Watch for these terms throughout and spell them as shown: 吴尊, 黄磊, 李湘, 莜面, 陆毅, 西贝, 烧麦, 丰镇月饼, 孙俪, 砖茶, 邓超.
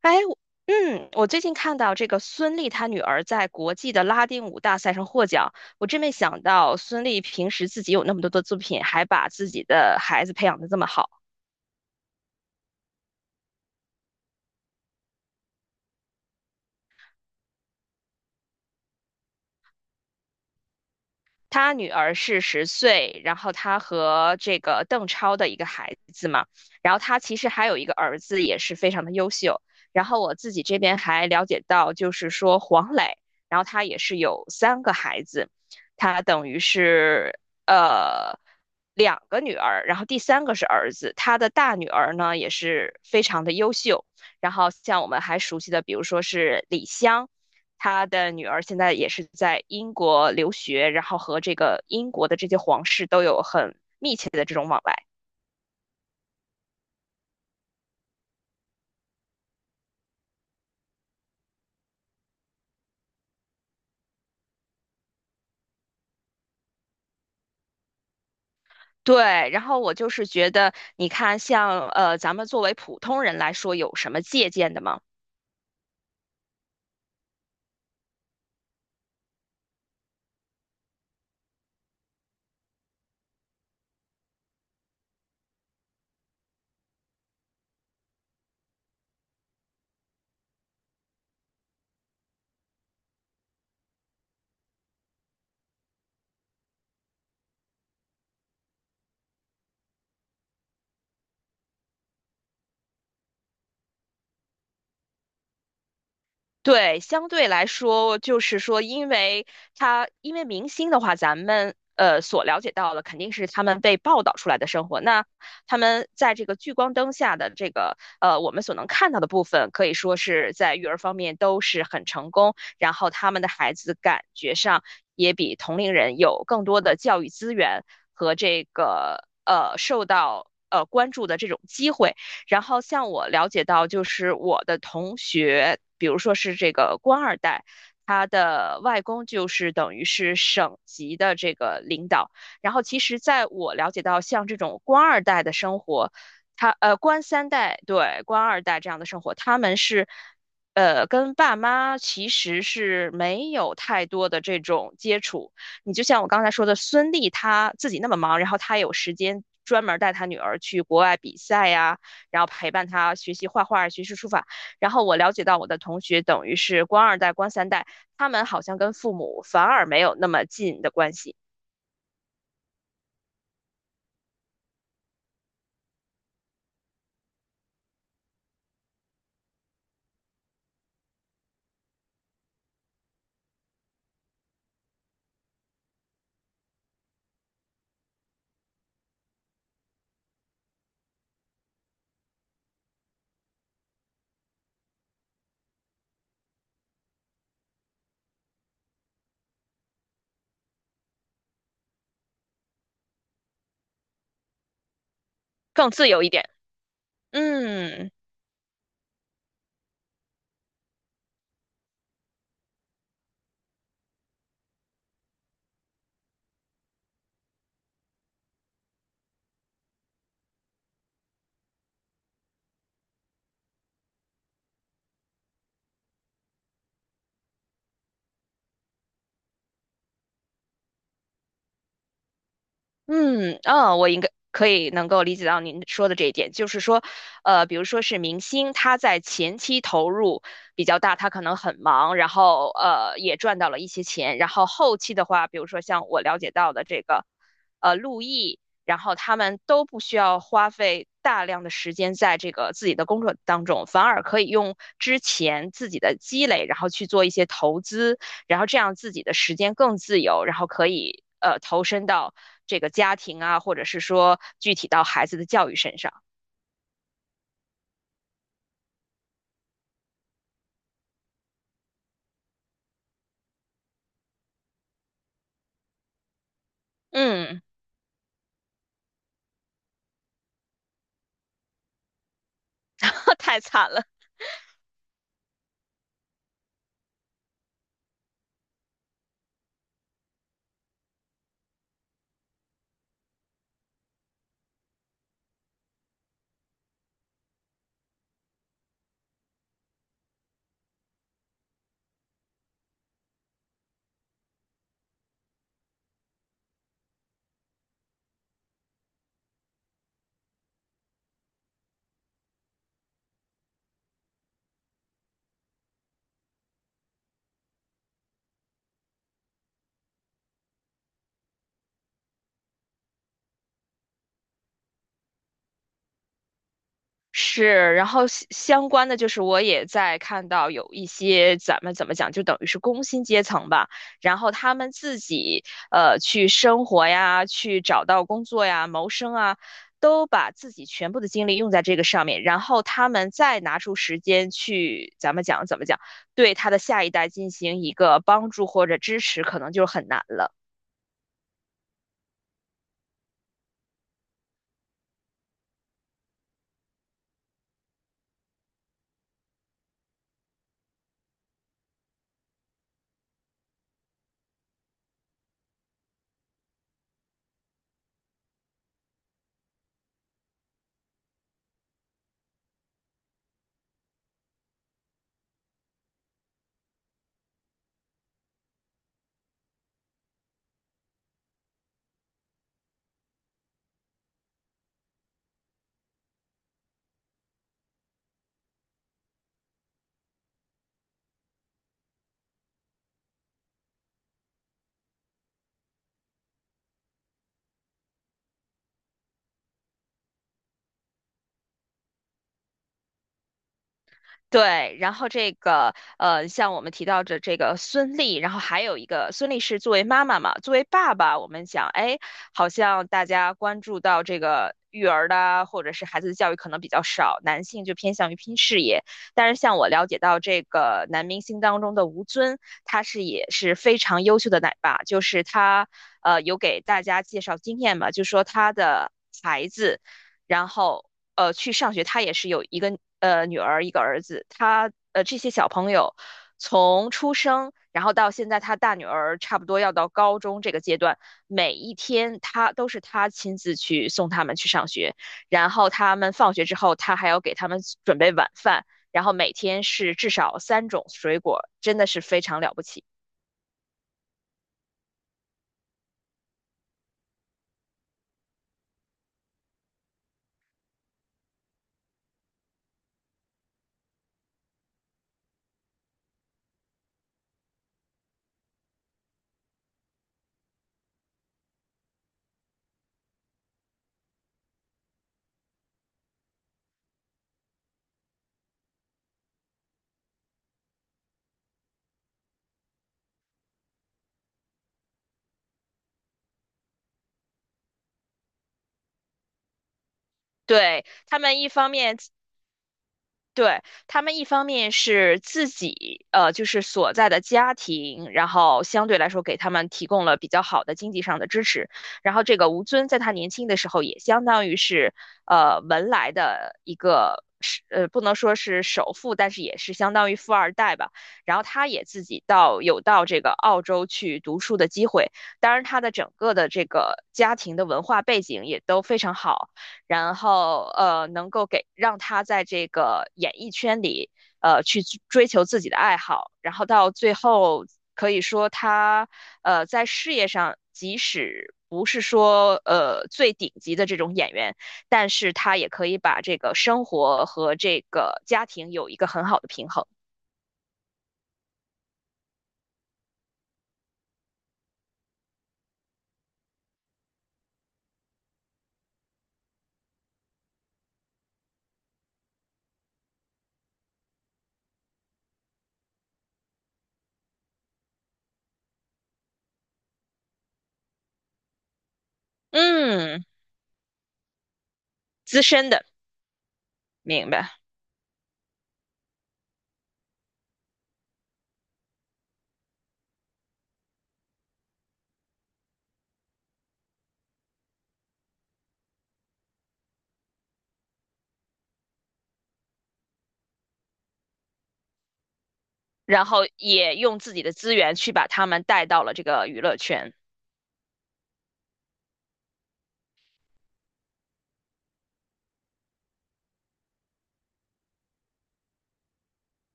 哎，我最近看到这个孙俪她女儿在国际的拉丁舞大赛上获奖，我真没想到孙俪平时自己有那么多的作品，还把自己的孩子培养的这么好。他女儿是十岁，然后他和这个邓超的一个孩子嘛，然后他其实还有一个儿子，也是非常的优秀。然后我自己这边还了解到，就是说黄磊，然后他也是有三个孩子，他等于是呃两个女儿，然后第三个是儿子，他的大女儿呢也是非常的优秀。然后像我们还熟悉的，比如说是李湘，他的女儿现在也是在英国留学，然后和这个英国的这些皇室都有很密切的这种往来。对，然后我就是觉得，你看像，咱们作为普通人来说，有什么借鉴的吗？对，相对来说，就是说，因为明星的话，咱们所了解到的肯定是他们被报道出来的生活。那他们在这个聚光灯下的这个我们所能看到的部分，可以说是在育儿方面都是很成功，然后他们的孩子感觉上也比同龄人有更多的教育资源和这个受到关注的这种机会。然后像我了解到，就是我的同学，比如说是这个官二代，他的外公就是等于是省级的这个领导。然后其实在我了解到，像这种官二代的生活，他官三代对官二代这样的生活，他们是。跟爸妈其实是没有太多的这种接触。你就像我刚才说的，孙俪她自己那么忙，然后她有时间专门带她女儿去国外比赛呀，然后陪伴他学习画画、学习书法。然后我了解到我的同学等于是官二代、官三代，他们好像跟父母反而没有那么近的关系，更自由一点。嗯。嗯，啊，我应该可以能够理解到您说的这一点，就是说，比如说是明星，他在前期投入比较大，他可能很忙，然后也赚到了一些钱，然后后期的话，比如说像我了解到的这个，陆毅，然后他们都不需要花费大量的时间在这个自己的工作当中，反而可以用之前自己的积累，然后去做一些投资。然后这样自己的时间更自由，然后可以投身到这个家庭啊，或者是说具体到孩子的教育身上。嗯，太惨了。是，然后相关的就是我也在看到有一些咱们怎么讲，就等于是工薪阶层吧，然后他们自己去生活呀，去找到工作呀，谋生啊，都把自己全部的精力用在这个上面，然后他们再拿出时间去咱们讲怎么讲，对他的下一代进行一个帮助或者支持，可能就很难了。对，然后这个像我们提到的这个孙俪，然后还有一个孙俪是作为妈妈嘛，作为爸爸，我们讲，哎，好像大家关注到这个育儿的啊，或者是孩子的教育可能比较少，男性就偏向于拼事业。但是像我了解到这个男明星当中的吴尊，他是也是非常优秀的奶爸，就是他有给大家介绍经验嘛，就说他的孩子。然后去上学，他也是有一个女儿一个儿子，他这些小朋友从出生，然后到现在他大女儿差不多要到高中这个阶段，每一天他都是他亲自去送他们去上学，然后他们放学之后，他还要给他们准备晚饭，然后每天是至少三种水果，真的是非常了不起。对，他们一方面是自己，就是所在的家庭，然后相对来说给他们提供了比较好的经济上的支持。然后这个吴尊在他年轻的时候也相当于是，文莱的一个是，不能说是首富，但是也是相当于富二代吧。然后他也自己到这个澳洲去读书的机会，当然他的整个的这个家庭的文化背景也都非常好。然后能够给让他在这个演艺圈里去追求自己的爱好，然后到最后可以说他在事业上即使。不是说最顶级的这种演员，但是他也可以把这个生活和这个家庭有一个很好的平衡。嗯，资深的，明白。然后也用自己的资源去把他们带到了这个娱乐圈。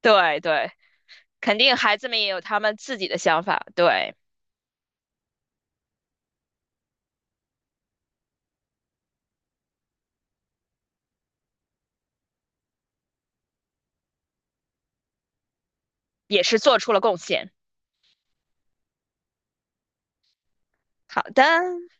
对对。肯定孩子们也有他们自己的想法，对，也是做出了贡献。好的，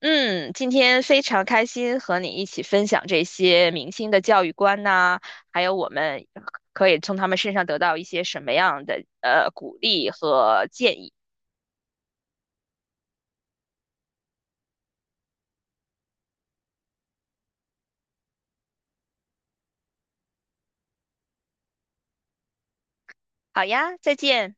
嗯，今天非常开心和你一起分享这些明星的教育观呐、还有我们可以从他们身上得到一些什么样的鼓励和建议。好呀，再见。